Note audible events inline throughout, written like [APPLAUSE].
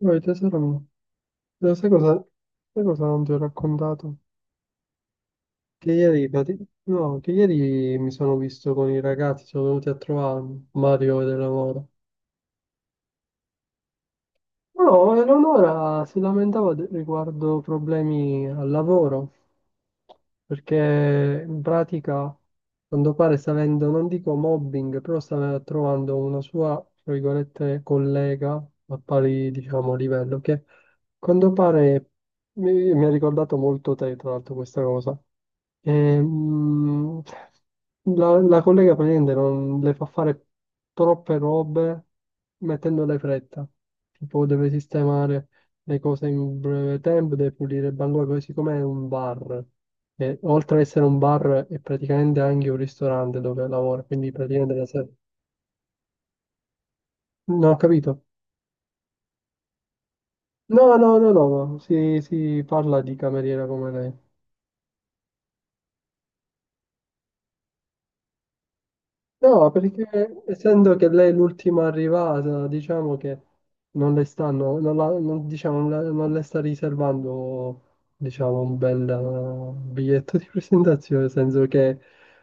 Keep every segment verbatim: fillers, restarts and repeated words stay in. Poi tesoro, mio, lo sai cosa, sai cosa non ti ho raccontato? Che ieri, prati- no, che ieri mi sono visto con i ragazzi, sono venuti a trovarmi, Mario e Eleonora. No, Eleonora si lamentava de- riguardo problemi al lavoro perché in pratica, a quanto pare, sta avendo, non dico mobbing, però sta trovando una sua, tra virgolette, collega a pari, diciamo, livello, che a quanto pare mi, mi ha ricordato molto te, tra l'altro, questa cosa. Ehm, la, la collega praticamente non le fa fare troppe robe mettendole fretta, tipo deve sistemare le cose in breve tempo, deve pulire il bancone, così come è un bar. E oltre ad essere un bar, è praticamente anche un ristorante dove lavora, quindi praticamente la sera. No, ho capito. No, no, no, no, no, Si, si parla di cameriera come lei. No, perché essendo che lei è l'ultima arrivata, diciamo che non le stanno, non la- non- diciamo, non le non le sta riservando, diciamo, un bel eh, biglietto di presentazione, nel senso che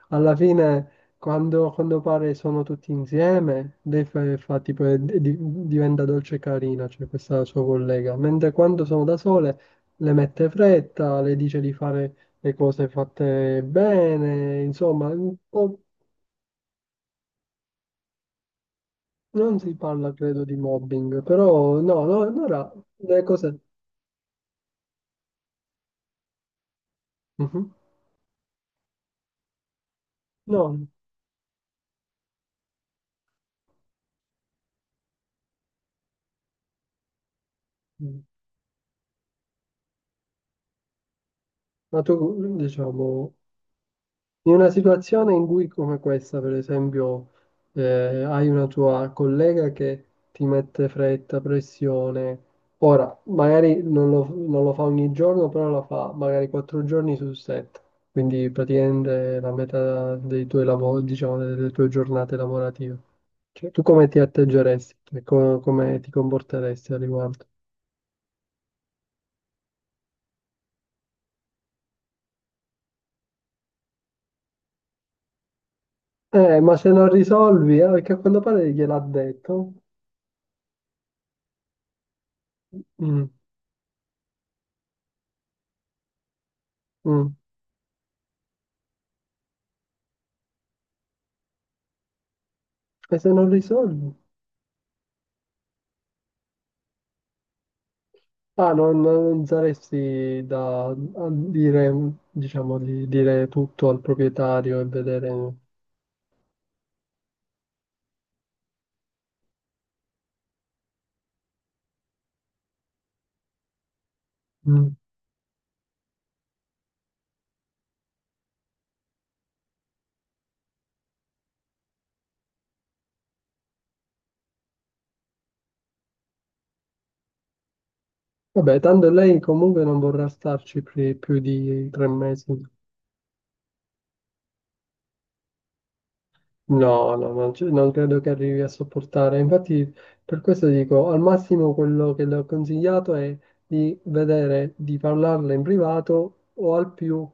alla fine quando, quando pare sono tutti insieme, lei fa, fa tipo, eh, di- diventa dolce e carina, cioè questa sua collega, mentre quando sono da sole le mette fretta, le dice di fare le cose fatte bene, insomma, un po'. Non si parla, credo, di mobbing, però no, no, allora le cose. Mhm. No, ma tu, diciamo, in una situazione in cui come questa, per esempio, eh, hai una tua collega che ti mette fretta, pressione, ora magari non lo, non lo fa ogni giorno, però lo fa magari quattro giorni su sette, quindi praticamente la metà dei tuoi lavori, diciamo, delle, delle tue giornate lavorative. Cioè, tu come ti atteggeresti? Cioè, co- come ti comporteresti al riguardo? Eh, ma se non risolvi, eh, perché a quanto pare gliel'ha detto. Mm, mm. E se non risolvi? Ah, non, non saresti da a dire, diciamo, di dire tutto al proprietario e vedere. Mm. Vabbè, tanto lei comunque non vorrà starci pri- più di tre mesi. No, no, non, ci- non credo che arrivi a sopportare. Infatti, per questo dico, al massimo quello che le ho consigliato è di vedere, di parlarle in privato o al più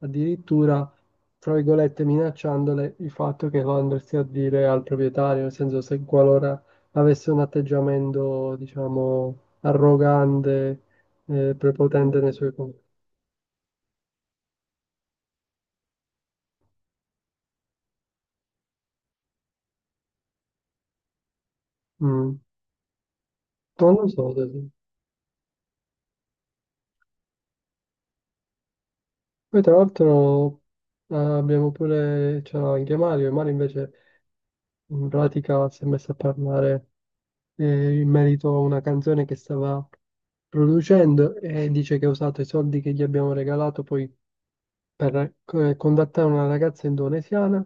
addirittura, tra virgolette, minacciandole il fatto che lo andresti a dire al proprietario, nel senso se qualora avesse un atteggiamento, diciamo, arrogante, eh, prepotente nei suoi confronti. Mm. Non lo so. Poi tra l'altro eh, abbiamo pure, c'era anche Mario, e Mario invece in pratica si è messo a parlare eh, in merito a una canzone che stava producendo e dice che ha usato i soldi che gli abbiamo regalato poi per eh, contattare una ragazza indonesiana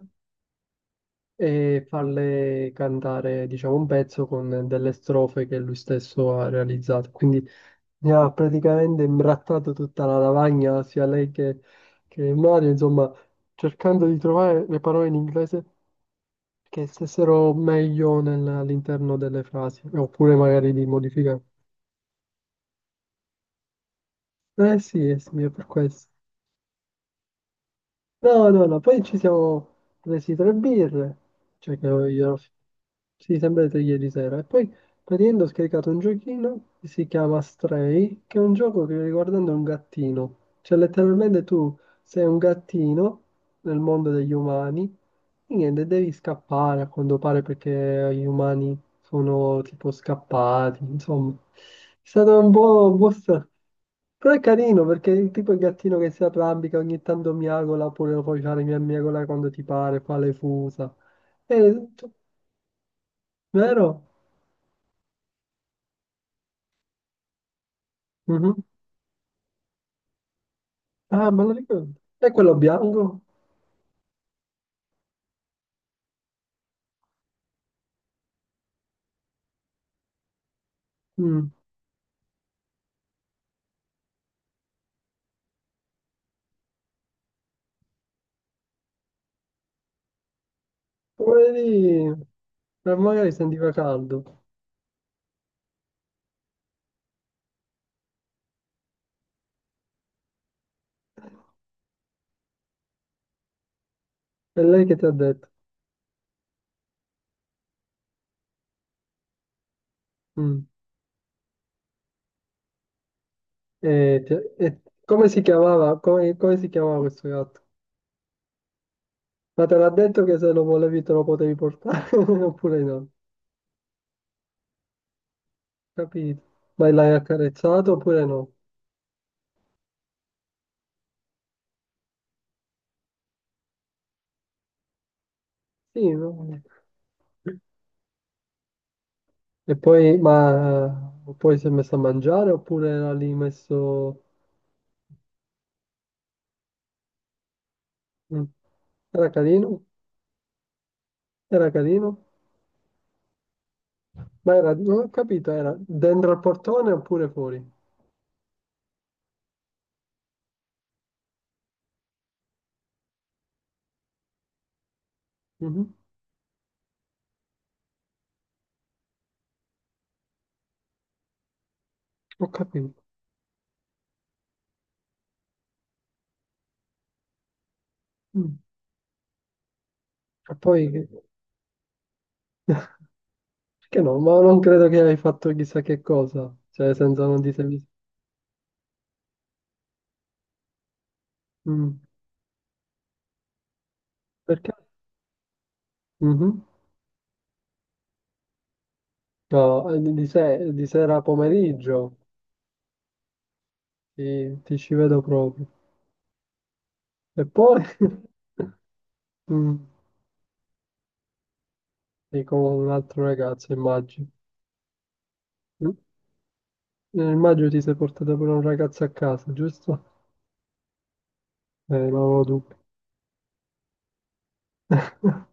e farle cantare, diciamo, un pezzo con delle strofe che lui stesso ha realizzato. Quindi mi ha praticamente imbrattato tutta la lavagna, sia lei che, che Mario, insomma, cercando di trovare le parole in inglese che stessero meglio nel- all'interno delle frasi, oppure magari di modificare. Eh sì, eh sì, è per questo. No, no, no, poi ci siamo presi tre birre, cioè che io ero- sì, sempre tre ieri sera, e poi praticamente ho scaricato un giochino che si chiama Stray, che è un gioco che riguardando un gattino, cioè letteralmente tu sei un gattino nel mondo degli umani e niente, devi scappare a quanto pare perché gli umani sono tipo scappati, insomma, è stato un po' un po' strano. Però è carino perché tipo il gattino che si arrambica ogni tanto miagola oppure lo puoi fare mia miagola quando ti pare, fa le fusa. Eh, tu- Vero? Mhm. Ah, me lo ricordo. È quello bianco? Mm. Poverino, ma magari sentiva caldo. È lei che ti ha detto. Mm. E, ti- e come si chiamava? Come, come si chiamava questo gatto? Ma te l'ha detto che se lo volevi te lo potevi portare [LAUGHS] oppure no? Capito? Ma l'hai accarezzato oppure no? Sì, no? E poi, ma poi si è messo a mangiare oppure era lì messo. Mm. Era carino? Era carino? Ma era, non ho capito, era dentro al portone oppure fuori? Mhm. Ho capito. Mm. E poi, che [LAUGHS] che no, ma non credo che hai fatto chissà che cosa, cioè senza non ti sei visto. Mm. Perché? Mhm. No, eh, di, se- di sera a pomeriggio ti, ti ci vedo proprio. E poi [LAUGHS] mm, sei con un altro ragazzo, immagino. Mm, eh, Immagino ti sei portato pure un ragazzo a casa, giusto? Eh, non avevo dubbi. [LAUGHS]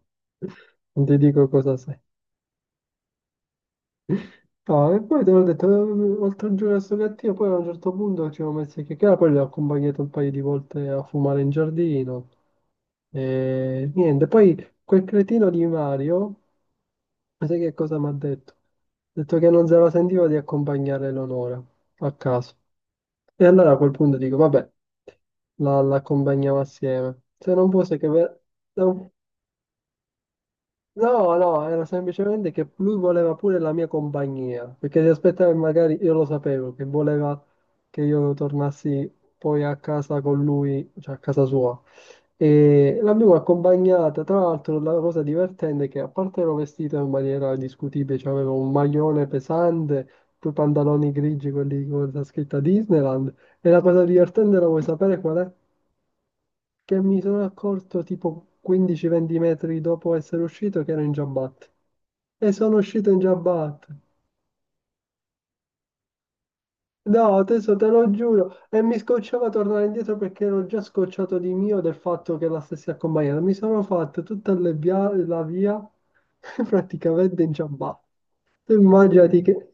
Non ti dico cosa sei. No, e poi te l'ho detto, eh, oltre a giocare a sto gattino, poi a un certo punto ci siamo messi a chiacchierare, poi l'ho accompagnato un paio di volte a fumare in giardino. E niente, poi quel cretino di Mario. Ma sai che cosa mi ha detto? Ha detto che non se la sentiva di accompagnare Eleonora a casa. E allora a quel punto dico, vabbè, la, la accompagniamo assieme. Se non fosse che... ve- da un- No, no, era semplicemente che lui voleva pure la mia compagnia, perché si aspettava che magari io lo sapevo, che voleva che io tornassi poi a casa con lui, cioè a casa sua. E l'abbiamo accompagnata, tra l'altro la cosa divertente è che a parte ero vestito in maniera discutibile, cioè avevo un maglione pesante, due pantaloni grigi, quelli con la scritta Disneyland, e la cosa divertente la vuoi sapere qual è? Che mi sono accorto tipo quindici venti metri dopo essere uscito che ero in giabbatte. E sono uscito in giabbatte. No, adesso te lo giuro. E mi scocciava tornare indietro perché ero già scocciato di mio del fatto che la stessi accompagnata. Mi sono fatto tutta le via- la via [LAUGHS] praticamente in ciabatte. Tu immaginati che.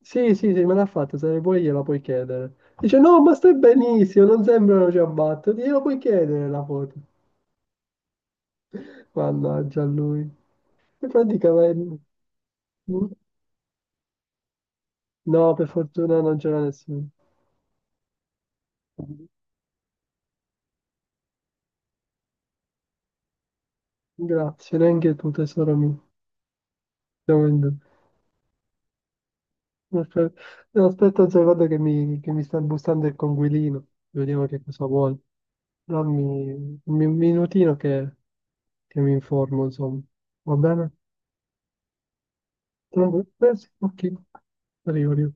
Sì, sì, sì, me l'ha fatta, se ne puoi gliela puoi chiedere. Dice, no, ma stai benissimo, non sembrano ciabatte. Gliela puoi chiedere la foto. [LAUGHS] Mannaggia a lui. E praticamente. Mm? No, per fortuna non c'era nessuno. Grazie, neanche tu, tesoro mio. Siamo in due. Aspe- no, Aspetta un secondo che mi, che mi sta bussando il conguilino. Vediamo che cosa vuole. Dammi dammi un minutino che, che mi informo, insomma. Va bene? Tranqu- eh sì, ok, arrivo, arrivo.